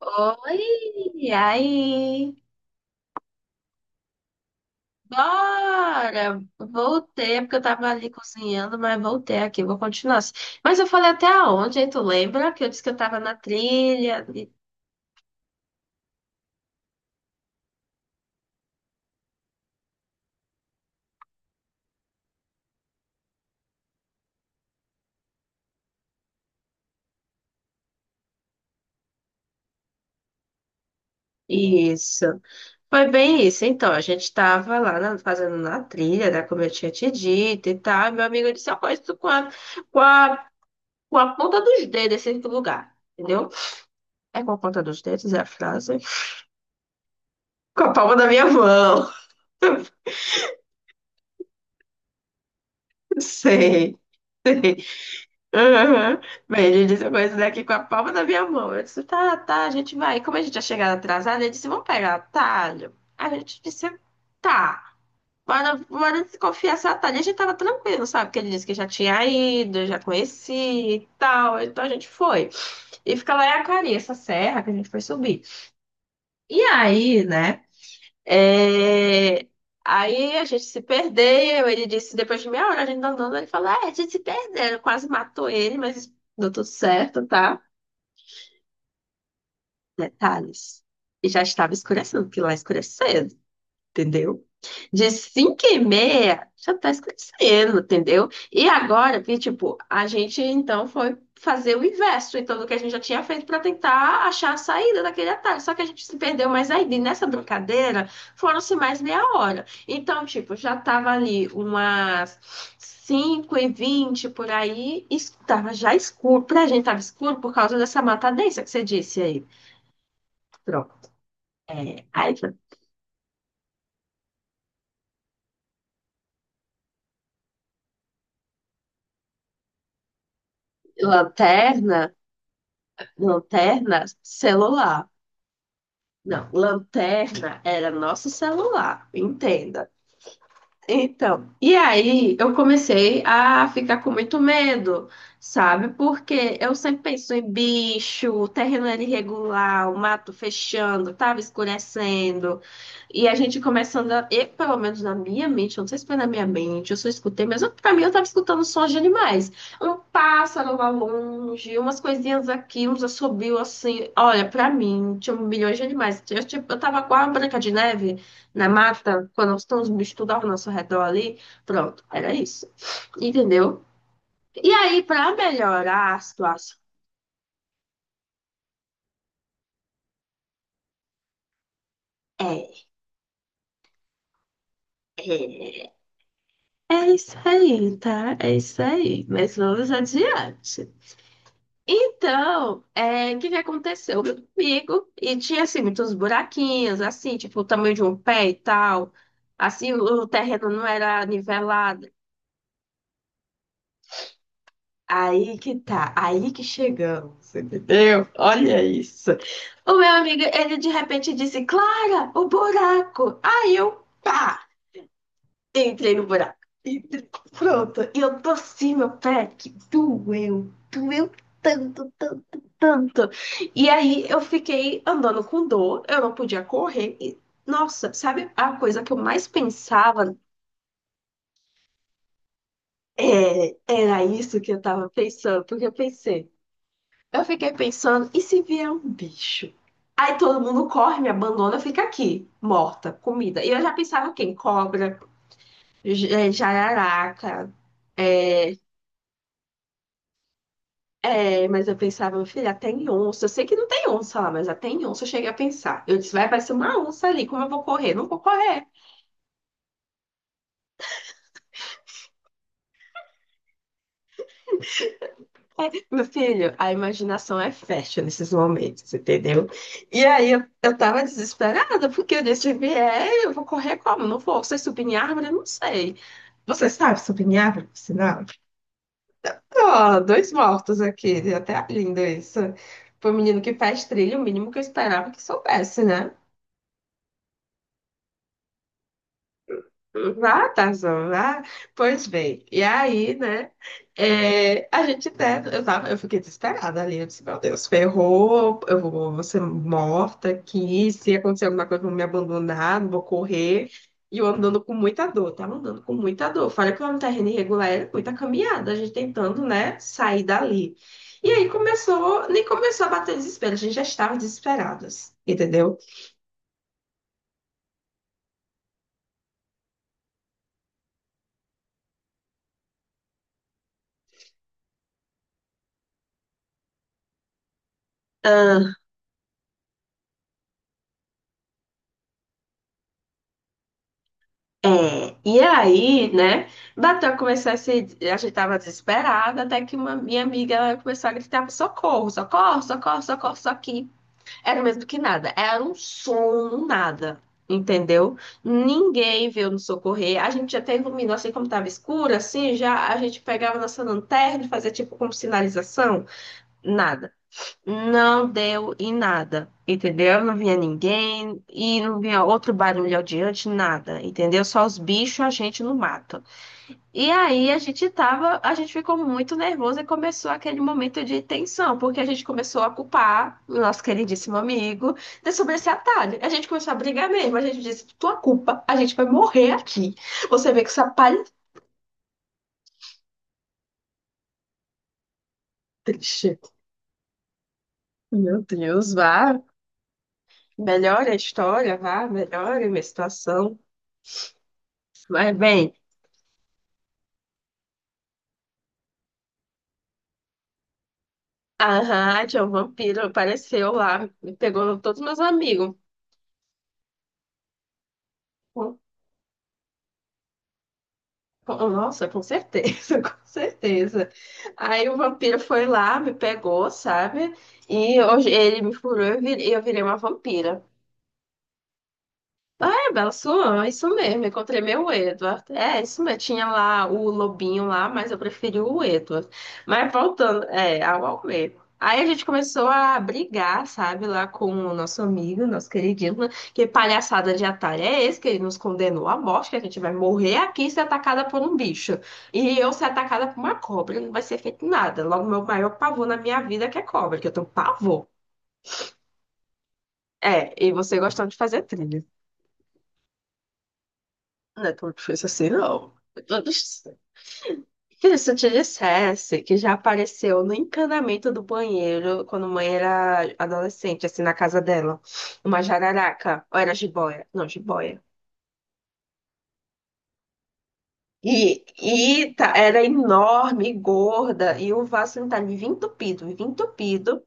Oi, e aí? Bora! Voltei, é porque eu tava ali cozinhando, mas voltei aqui, vou continuar assim. Mas eu falei até aonde, hein? Tu lembra que eu disse que eu tava na trilha? Isso. Foi bem isso. Então, a gente tava lá fazendo na trilha, né? Como eu tinha te dito e tal. E meu amigo disse, eu conheço com a, com a ponta dos dedos esse lugar. Entendeu? É com a ponta dos dedos, é a frase. Com a palma da minha mão. Sei. Aham. Mas ele disse uma coisa daqui com a palma da minha mão. Eu disse, tá, tá, a gente vai. E como a gente ia chegar atrasada, ele disse, vamos pegar atalho. A gente disse, tá, bora, bora desconfiar esse atalho. E a gente tava tranquilo, sabe? Porque ele disse que já tinha ido, já conhecia e tal. Então a gente foi. E fica lá em Acari, essa serra que a gente foi subir. E aí, né? É, aí a gente se perdeu. Ele disse, depois de meia hora, a gente tá andando, ele falou: é, a gente se perdeu. Quase matou ele, mas deu tudo certo, tá? Detalhes. E já estava escurecendo, porque lá escureceu, entendeu? De 5 e meia já está escurecendo, entendeu? E agora, que tipo, a gente então foi fazer o inverso, então, do que a gente já tinha feito para tentar achar a saída daquele atalho. Só que a gente se perdeu mais ainda. E nessa brincadeira foram-se mais meia hora. Então, tipo, já tava ali umas 5h20 por aí, e tava já escuro. Pra gente tava escuro por causa dessa mata densa que você disse aí. Pronto. É, aí, lanterna. Lanterna, celular. Não, lanterna era nosso celular, entenda. Então, e aí eu comecei a ficar com muito medo, sabe? Porque eu sempre penso em bicho, terreno era irregular, o mato fechando, tava escurecendo. E a gente começando a, e, pelo menos na minha mente, eu não sei se foi na minha mente, eu só escutei, mas pra mim eu tava escutando sons de animais. Um pássaro lá longe, umas coisinhas aqui, uns assobios assim. Olha, pra mim, tinha milhões de animais. Eu, tipo, eu tava com a Branca de Neve na mata, quando estão os bichos tudo ao nosso redor ali. Pronto, era isso. Entendeu? E aí, para melhorar a situação, é, é, é isso aí, tá? É isso aí. Mas vamos adiante. Então, é, o que que aconteceu comigo? E tinha, assim, muitos buraquinhos, assim, tipo, o tamanho de um pé e tal. Assim, o terreno não era nivelado. Aí que tá, aí que chegamos, entendeu? Olha isso. O meu amigo, ele de repente disse, Clara, o buraco. Aí eu, pá, entrei no buraco. Entrei- Pronto, e eu torci meu pé, que doeu, doeu tanto, tanto, tanto. E aí eu fiquei andando com dor, eu não podia correr. E, nossa, sabe a coisa que eu mais pensava? É, era isso que eu tava pensando, porque eu pensei. Eu fiquei pensando, e se vier um bicho? Aí todo mundo corre, me abandona, fica aqui, morta, comida. E eu já pensava o quê? Em cobra, jararaca. É, mas eu pensava, meu filho, até em onça. Eu sei que não tem onça lá, mas até em onça eu cheguei a pensar. Eu disse, vai aparecer uma onça ali, como eu vou correr? Não vou correr. É, meu filho, a imaginação é fértil nesses momentos, entendeu? E aí eu tava desesperada, porque eu disse, se vier, eu vou correr como? Não vou. Você subir em árvore? Eu não sei. Você sabe subir em árvore, por sinal? Ó, dois mortos aqui, até lindo isso. Foi um menino que faz trilha, o mínimo que eu esperava que soubesse, né? Vá, Tarzan, vá. Pois bem, e aí, né? É, a gente até. Eu fiquei desesperada ali. Eu disse, meu Deus, ferrou, eu vou ser morta aqui. Se acontecer alguma coisa, vão me abandonar, não vou correr. E eu andando com muita dor, tava andando com muita dor. Fora que lá no terreno irregular era muita caminhada, a gente tentando, né, sair dali. E aí começou, nem começou a bater desespero, a gente já estava desesperadas, entendeu? É, e aí, né, bateu a começar a se, a gente tava desesperada, até que uma minha amiga ela começou a gritar, socorro, socorro, socorro, socorro, só que era o mesmo que nada, era um som no nada, entendeu? Ninguém veio nos socorrer, a gente até iluminou, assim como tava escuro, assim, já a gente pegava nossa lanterna e fazia tipo como sinalização, nada. Não deu em nada, entendeu? Não vinha ninguém e não vinha outro barulho adiante, nada, entendeu? Só os bichos, a gente no mato. E aí a gente ficou muito nervoso e começou aquele momento de tensão, porque a gente começou a culpar o nosso queridíssimo amigo de sobre esse atalho. A gente começou a brigar mesmo, a gente disse, tua culpa, a gente vai morrer aqui. Você vê que essa palha é triste. Meu Deus, vá. Melhora a história, vá, melhora a minha situação. Mas bem. Aham, tinha um vampiro, apareceu lá, me pegou todos meus amigos. Com- Nossa, com certeza, com certeza. Aí o vampiro foi lá, me pegou, sabe? E hoje ele me furou e eu virei uma vampira. Bela Swan, isso mesmo, encontrei meu Edward. É, isso mesmo, tinha lá o lobinho lá, mas eu preferi o Edward. Mas voltando, é, ao Almeida. Aí a gente começou a brigar, sabe, lá com o nosso amigo, nosso queridíssimo, que palhaçada de atalho é esse, que ele nos condenou à morte, que a gente vai morrer aqui e ser atacada por um bicho. E eu ser atacada por uma cobra, não vai ser feito nada. Logo, meu maior pavor na minha vida é que é cobra, que eu tenho pavor. É, e você gostando de fazer trilha. Não é tão difícil assim, não. Filho, se eu te dissesse que já apareceu no encanamento do banheiro quando mãe era adolescente, assim, na casa dela, uma jararaca, ou era jiboia? Não, jiboia. E tá, era enorme, gorda, e o vaso sanitário vivia entupido,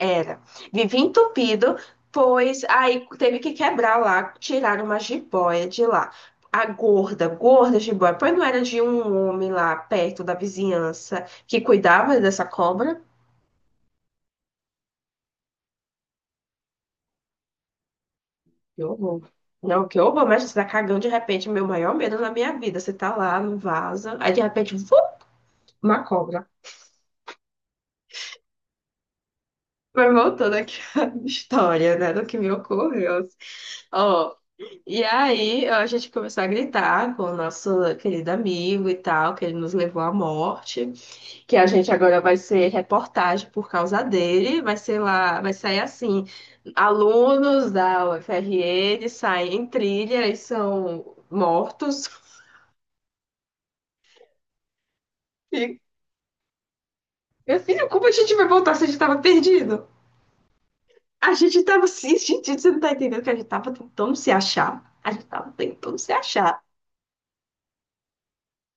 era, vivia entupido, pois aí teve que quebrar lá, tirar uma jiboia de lá. A gorda, gorda jiboia, pois não era de um homem lá perto da vizinhança que cuidava dessa cobra? Que horror. Não, que horror, mas você tá cagando de repente, meu maior medo na minha vida. Você tá lá no vaza aí de repente, vu, uma cobra. Mas voltando aqui à história, né, do que me ocorreu. Ó, e aí a gente começou a gritar com o nosso querido amigo e tal, que ele nos levou à morte, que a gente agora vai ser reportagem por causa dele, vai ser lá, vai sair assim, alunos da UFRN saem em trilha e são mortos. E meu filho, como a gente vai voltar se a gente tava perdido? A gente tava assim, gente, você não tá entendendo que a gente tava tentando se achar. A gente tava tentando se achar.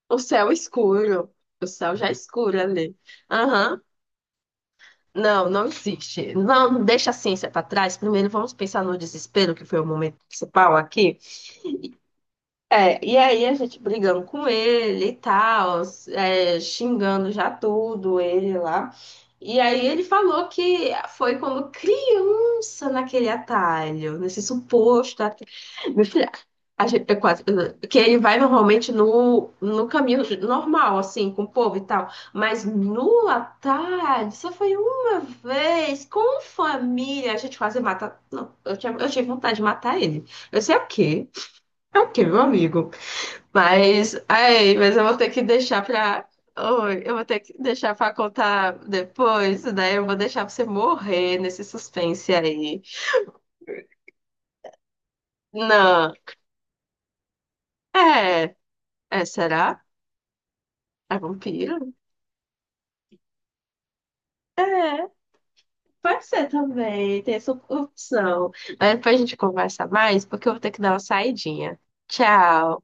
O céu escuro. O céu já é escuro ali. Aham. Não, não existe. Não, deixa a ciência pra trás. Primeiro vamos pensar no desespero, que foi o momento principal aqui. É, e aí a gente brigando com ele e tal, é, xingando já tudo ele lá. E aí ele falou que foi quando criança naquele atalho, nesse suposto atalho. Meu filho, a gente, eu quase, que ele vai normalmente no caminho normal, assim, com o povo e tal. Mas no atalho, só foi uma vez, com família, a gente quase mata. Não, eu tinha, eu tive vontade de matar ele. Eu sei o quê? É o quê, meu amigo? Mas, ai, mas eu vou ter que deixar pra. Oi, eu vou ter que deixar pra contar depois, né? Eu vou deixar você morrer nesse suspense aí. Não. É. É, será? É vampiro? É, pode ser também. Tem essa opção. Mas depois a gente conversa mais, porque eu vou ter que dar uma saidinha. Tchau.